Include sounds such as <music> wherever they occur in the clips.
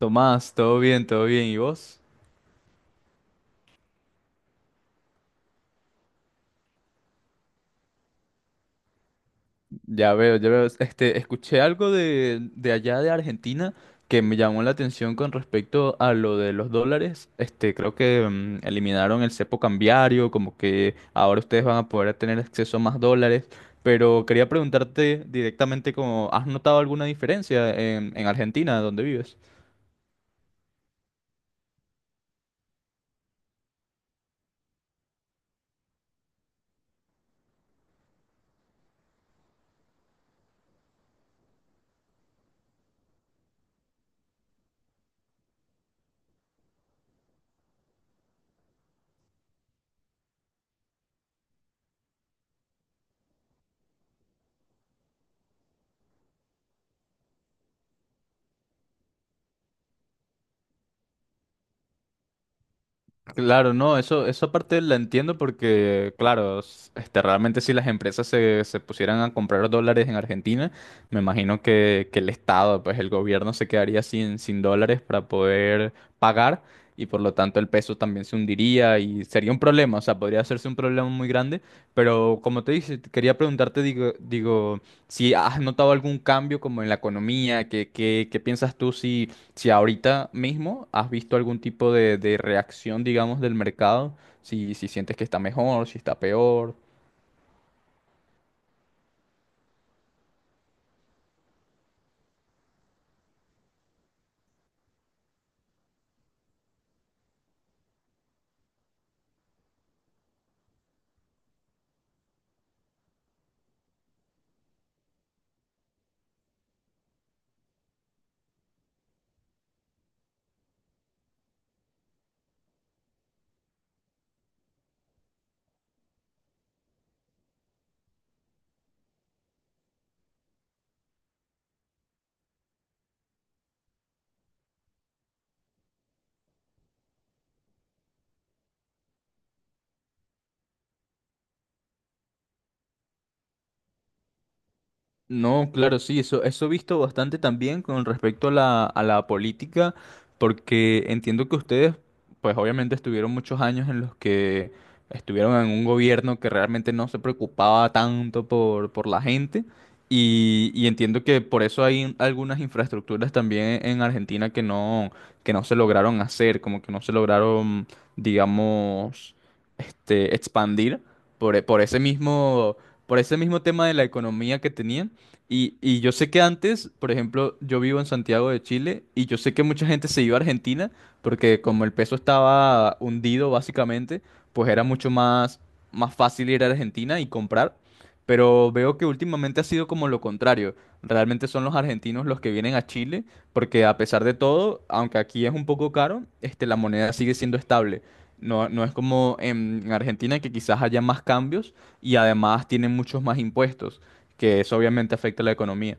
Tomás, todo bien, todo bien. ¿Y vos? Ya veo, ya veo. Escuché algo de allá de Argentina que me llamó la atención con respecto a lo de los dólares. Creo que eliminaron el cepo cambiario, como que ahora ustedes van a poder tener acceso a más dólares. Pero quería preguntarte directamente como, ¿has notado alguna diferencia en Argentina, donde vives? Claro, no, eso parte la entiendo porque, claro, realmente si las empresas se pusieran a comprar dólares en Argentina, me imagino que el Estado, pues el gobierno se quedaría sin dólares para poder pagar, y por lo tanto el peso también se hundiría y sería un problema, o sea, podría hacerse un problema muy grande. Pero como te dije, te quería preguntarte, digo, si has notado algún cambio como en la economía, ¿qué piensas tú si si ahorita mismo has visto algún tipo de reacción, digamos, del mercado, si sientes que está mejor, si está peor? No, claro, sí, eso he visto bastante también con respecto a a la política, porque entiendo que ustedes, pues obviamente estuvieron muchos años en los que estuvieron en un gobierno que realmente no se preocupaba tanto por la gente. Y entiendo que por eso hay algunas infraestructuras también en Argentina que no se lograron hacer, como que no se lograron, digamos, este, expandir por, por ese mismo, por ese mismo tema de la economía que tenían. Y yo sé que antes, por ejemplo, yo vivo en Santiago de Chile, y yo sé que mucha gente se iba a Argentina porque como el peso estaba hundido básicamente, pues era más fácil ir a Argentina y comprar. Pero veo que últimamente ha sido como lo contrario. Realmente son los argentinos los que vienen a Chile, porque a pesar de todo, aunque aquí es un poco caro, este, la moneda sigue siendo estable. No, no es como en Argentina, que quizás haya más cambios y además tienen muchos más impuestos, que eso obviamente afecta a la economía.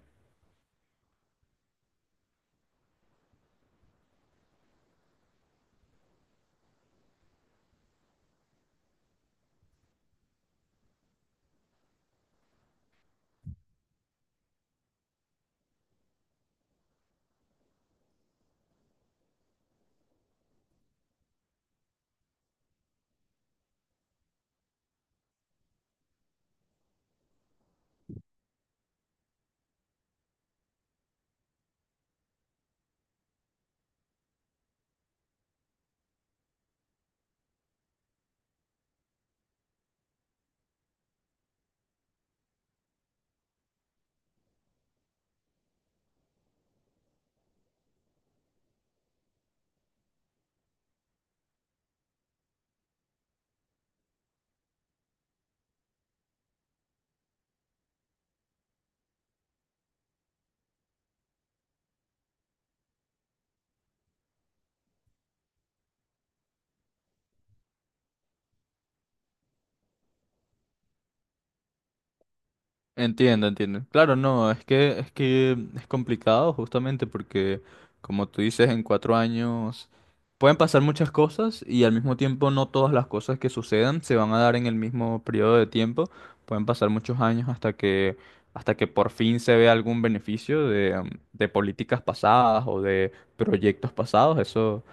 Entiendo, entiendo. Claro, no, es que es complicado justamente porque, como tú dices, en 4 años pueden pasar muchas cosas, y al mismo tiempo no todas las cosas que sucedan se van a dar en el mismo periodo de tiempo. Pueden pasar muchos años hasta que por fin se vea algún beneficio de políticas pasadas o de proyectos pasados. Eso.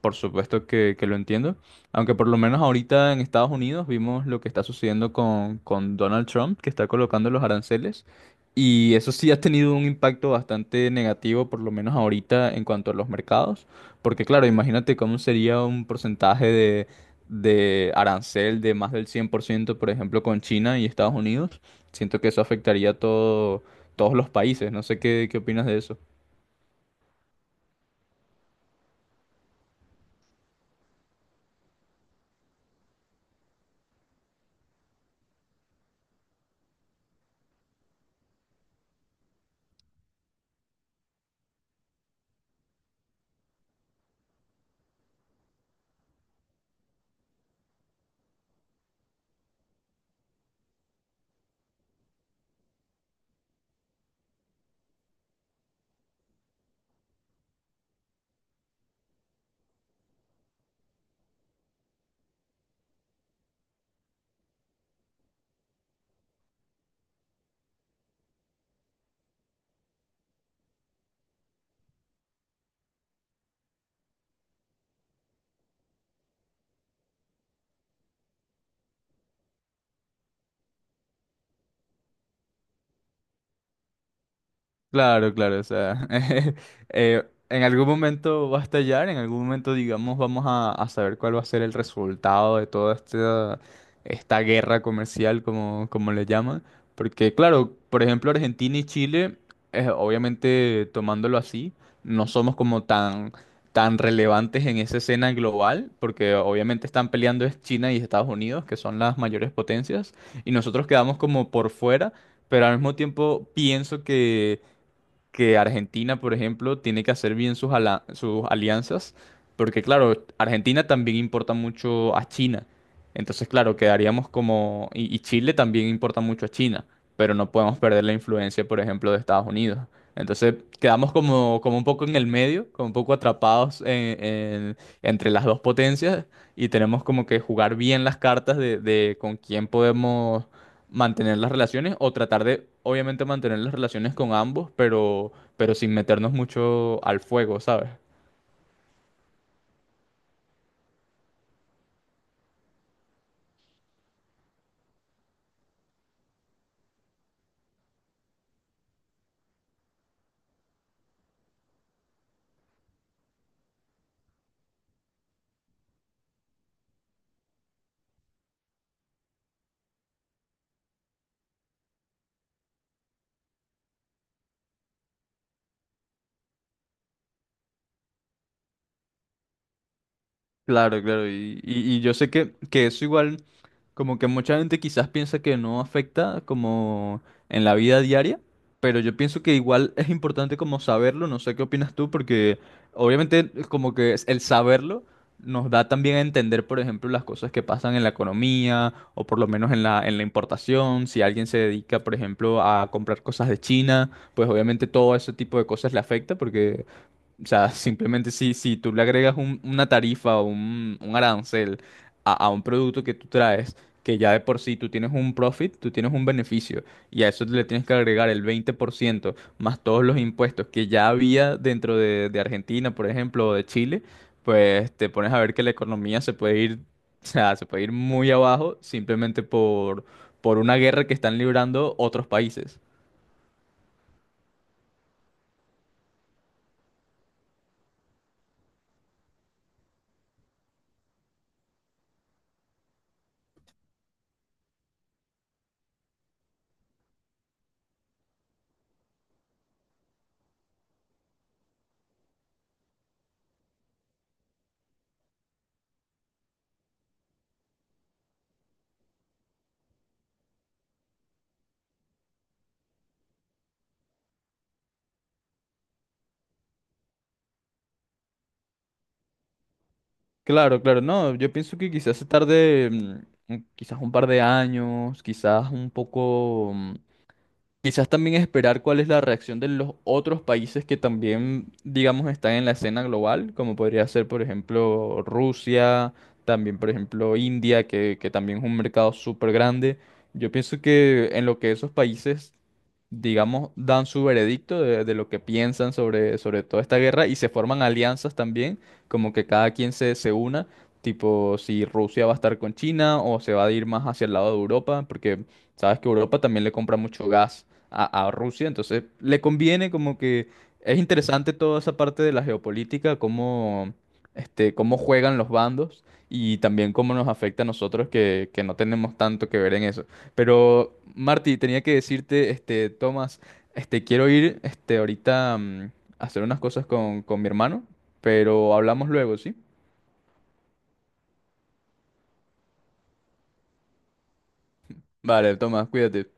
Por supuesto que lo entiendo, aunque por lo menos ahorita en Estados Unidos vimos lo que está sucediendo con Donald Trump, que está colocando los aranceles, y eso sí ha tenido un impacto bastante negativo, por lo menos ahorita en cuanto a los mercados, porque claro, imagínate cómo sería un porcentaje de arancel de más del 100%, por ciento, por ejemplo, con China y Estados Unidos. Siento que eso afectaría a todo, todos los países. No sé qué opinas de eso. Claro, claro, o sea, <laughs> eh, en algún momento va a estallar, en algún momento, digamos, vamos a saber cuál va a ser el resultado de toda esta, esta guerra comercial, como, como le llaman. Porque, claro, por ejemplo, Argentina y Chile, obviamente tomándolo así, no somos como tan relevantes en esa escena global, porque obviamente están peleando es China y Estados Unidos, que son las mayores potencias, y nosotros quedamos como por fuera. Pero al mismo tiempo pienso que Argentina, por ejemplo, tiene que hacer bien sus, sus alianzas, porque claro, Argentina también importa mucho a China. Entonces, claro, quedaríamos como... Y Chile también importa mucho a China, pero no podemos perder la influencia, por ejemplo, de Estados Unidos. Entonces, quedamos como, como un poco en el medio, como un poco atrapados entre las dos potencias, y tenemos como que jugar bien las cartas de con quién podemos mantener las relaciones, o tratar de, obviamente, mantener las relaciones con ambos, pero sin meternos mucho al fuego, ¿sabes? Claro, claro, y yo sé que eso igual, como que mucha gente quizás piensa que no afecta como en la vida diaria, pero yo pienso que igual es importante como saberlo, no sé qué opinas tú, porque obviamente como que el saberlo nos da también a entender, por ejemplo, las cosas que pasan en la economía, o por lo menos en en la importación. Si alguien se dedica, por ejemplo, a comprar cosas de China, pues obviamente todo ese tipo de cosas le afecta porque, o sea, <laughs> simplemente si tú le agregas una tarifa o un arancel a un producto que tú traes, que ya de por sí tú tienes un profit, tú tienes un beneficio, y a eso le tienes que agregar el 20% más todos los impuestos que ya había dentro de Argentina, por ejemplo, o de Chile, pues te pones a ver que la economía se puede ir, <laughs> o sea, se puede ir muy abajo, simplemente por una guerra que están librando otros países. Claro, claro, no, yo pienso que quizás se tarde, quizás un par de años, quizás un poco, quizás también esperar cuál es la reacción de los otros países que también, digamos, están en la escena global, como podría ser, por ejemplo, Rusia, también, por ejemplo, India, que también es un mercado súper grande. Yo pienso que en lo que esos países, digamos, dan su veredicto de lo que piensan sobre, sobre toda esta guerra, y se forman alianzas también, como que cada quien se una, tipo si Rusia va a estar con China o se va a ir más hacia el lado de Europa, porque sabes que Europa también le compra mucho gas a Rusia. Entonces le conviene como que es interesante toda esa parte de la geopolítica, cómo, este, cómo juegan los bandos, y también cómo nos afecta a nosotros que no tenemos tanto que ver en eso. Pero Marty, tenía que decirte, este, Tomás, este, quiero ir, este, ahorita a hacer unas cosas con mi hermano, pero hablamos luego, ¿sí? Vale, Tomás, cuídate.